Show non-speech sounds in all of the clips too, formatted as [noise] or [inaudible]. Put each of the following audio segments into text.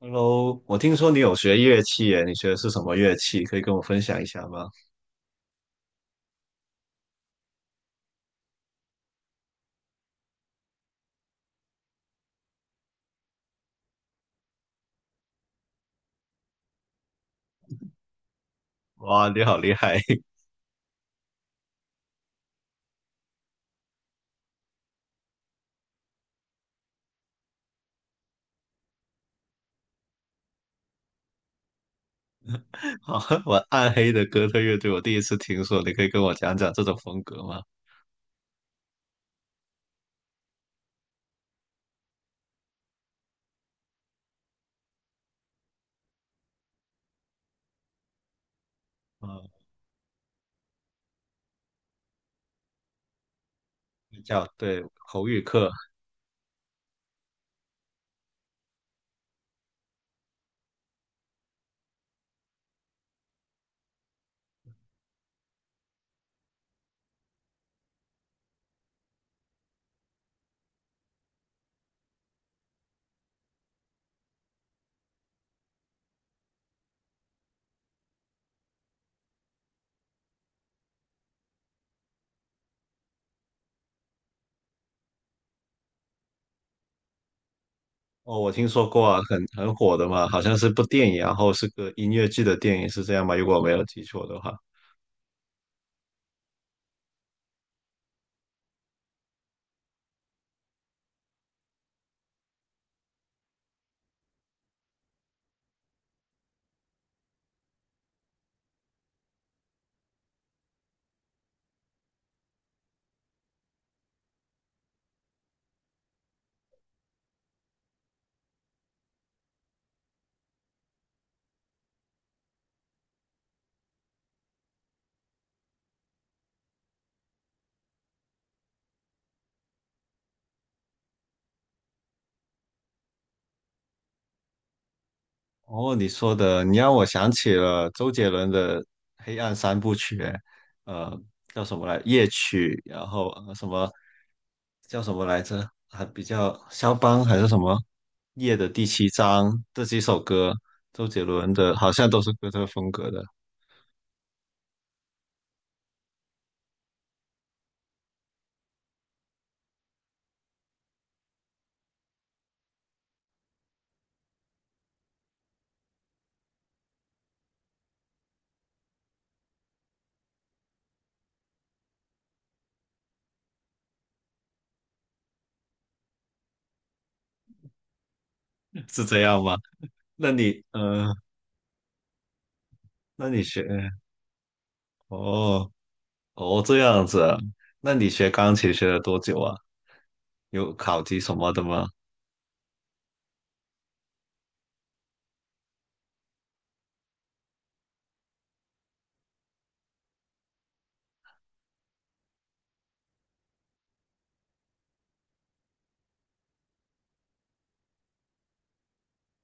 Hello，我听说你有学乐器耶，你学的是什么乐器？可以跟我分享一下吗？哇，你好厉害！[laughs] 好，我暗黑的哥特乐队，我第一次听说，你可以跟我讲讲这种风格吗？啊，叫对口语课。哦，我听说过啊，很火的嘛，好像是部电影，然后是个音乐剧的电影，是这样吗？如果我没有记错的话，哦，你说的，你让我想起了周杰伦的黑暗三部曲，呃，叫什么来？夜曲，然后什么叫什么来着？还比较肖邦还是什么？夜的第七章这几首歌，周杰伦的好像都是哥特风格的。[laughs] 是这样吗？那你呃，那你学。哦。哦这样子啊，那你学钢琴学了多久啊？有考级什么的吗？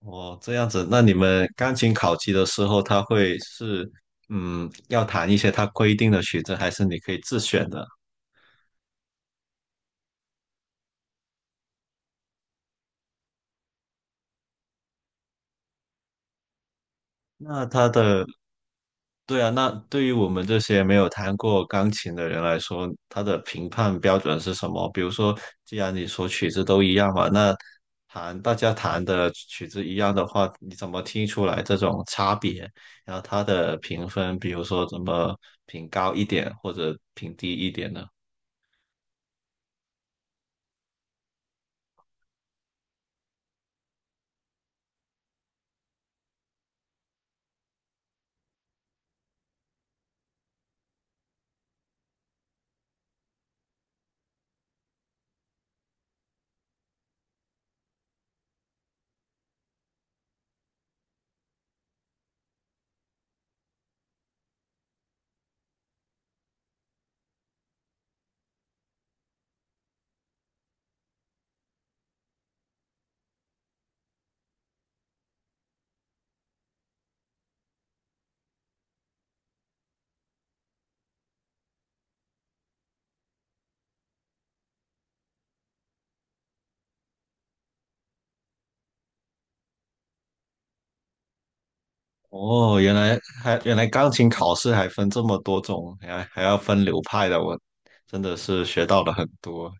哦，这样子，那你们钢琴考级的时候，他会要弹一些他规定的曲子，还是你可以自选的？那他的，对啊，那对于我们这些没有弹过钢琴的人来说，他的评判标准是什么？比如说，既然你说曲子都一样嘛，那弹大家弹的曲子一样的话，你怎么听出来这种差别？然后他的评分，比如说怎么评高一点或者评低一点呢？哦，原来钢琴考试还分这么多种，还要分流派的，我真的是学到了很多。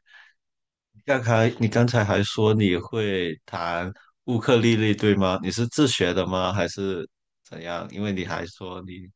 刚才你还说你会弹乌克丽丽，对吗？你是自学的吗？还是怎样？因为你还说你。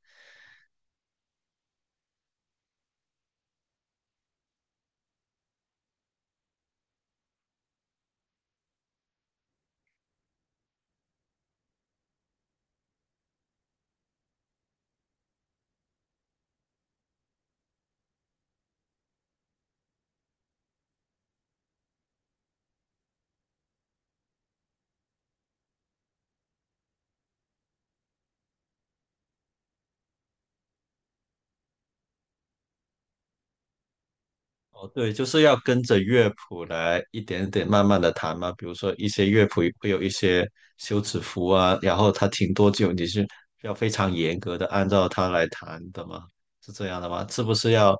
哦，对，就是要跟着乐谱来一点点慢慢的弹嘛。比如说一些乐谱会有一些休止符啊，然后它停多久，你是要非常严格的按照它来弹的吗？是这样的吗？是不是要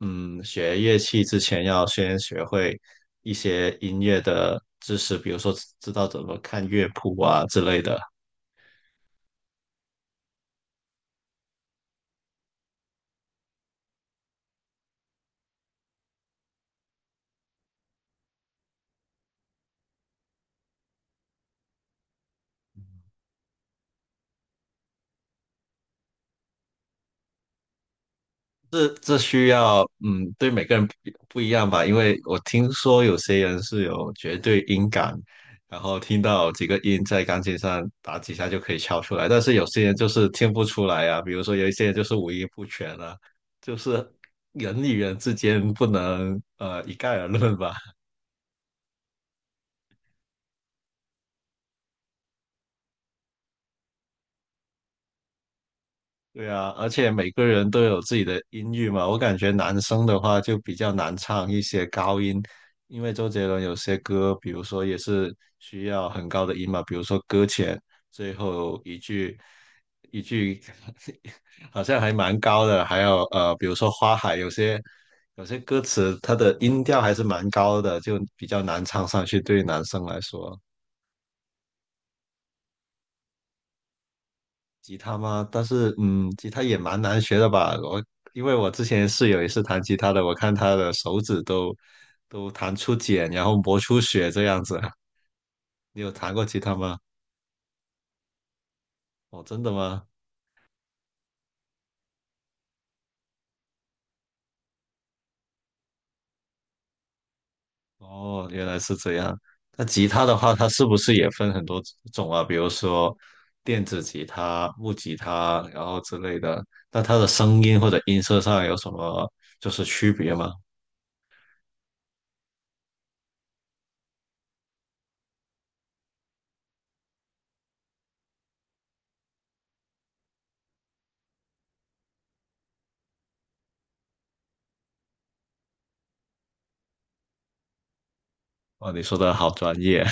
嗯学乐器之前要先学会一些音乐的知识，比如说知道怎么看乐谱啊之类的？这这需要，嗯，对每个人不一样吧，因为我听说有些人是有绝对音感，然后听到几个音在钢琴上打几下就可以敲出来，但是有些人就是听不出来啊，比如说有一些人就是五音不全啊，就是人与人之间不能一概而论吧。对啊，而且每个人都有自己的音域嘛。我感觉男生的话就比较难唱一些高音，因为周杰伦有些歌，比如说也是需要很高的音嘛，比如说《搁浅》最后一句 [laughs] 好像还蛮高的，比如说《花海》，有些歌词它的音调还是蛮高的，就比较难唱上去，对于男生来说。吉他吗？但是，嗯，吉他也蛮难学的吧？因为我之前室友也是弹吉他的，我看他的手指都弹出茧，然后磨出血这样子。[laughs] 你有弹过吉他吗？哦，真的吗？哦，原来是这样。那吉他的话，它是不是也分很多种啊？比如说电子吉他、木吉他，然后之类的。那它的声音或者音色上有什么就是区别吗？哦，你说的好专业。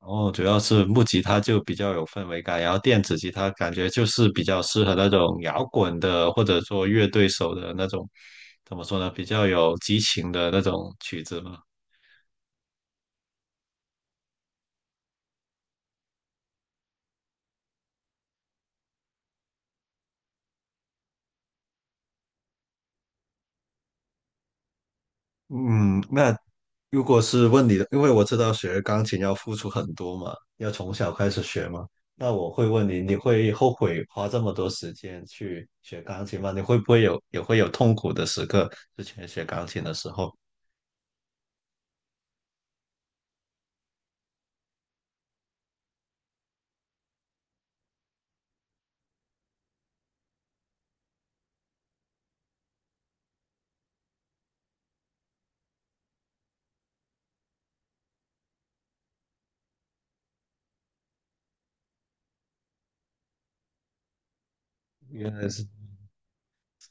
然后主要是木吉他就比较有氛围感，然后电子吉他感觉就是比较适合那种摇滚的，或者说乐队手的那种，怎么说呢，比较有激情的那种曲子嘛。嗯，那如果是问你的，因为我知道学钢琴要付出很多嘛，要从小开始学嘛，那我会问你，你会后悔花这么多时间去学钢琴吗？你会不会也会有痛苦的时刻？之前学钢琴的时候，原来是。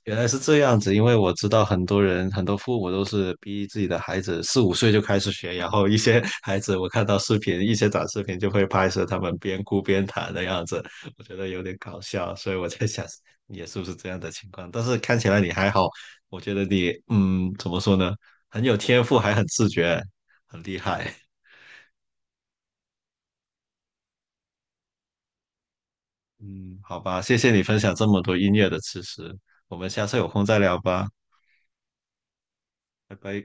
原来是这样子，因为我知道很多人，很多父母都是逼自己的孩子四五岁就开始学，然后一些 [laughs] 孩子我看到视频，一些短视频就会拍摄他们边哭边弹的样子，我觉得有点搞笑，所以我在想你也是不是这样的情况？但是看起来你还好，我觉得你怎么说呢，很有天赋，还很自觉，很厉害。[laughs] 嗯，好吧，谢谢你分享这么多音乐的知识，我们下次有空再聊吧，拜拜。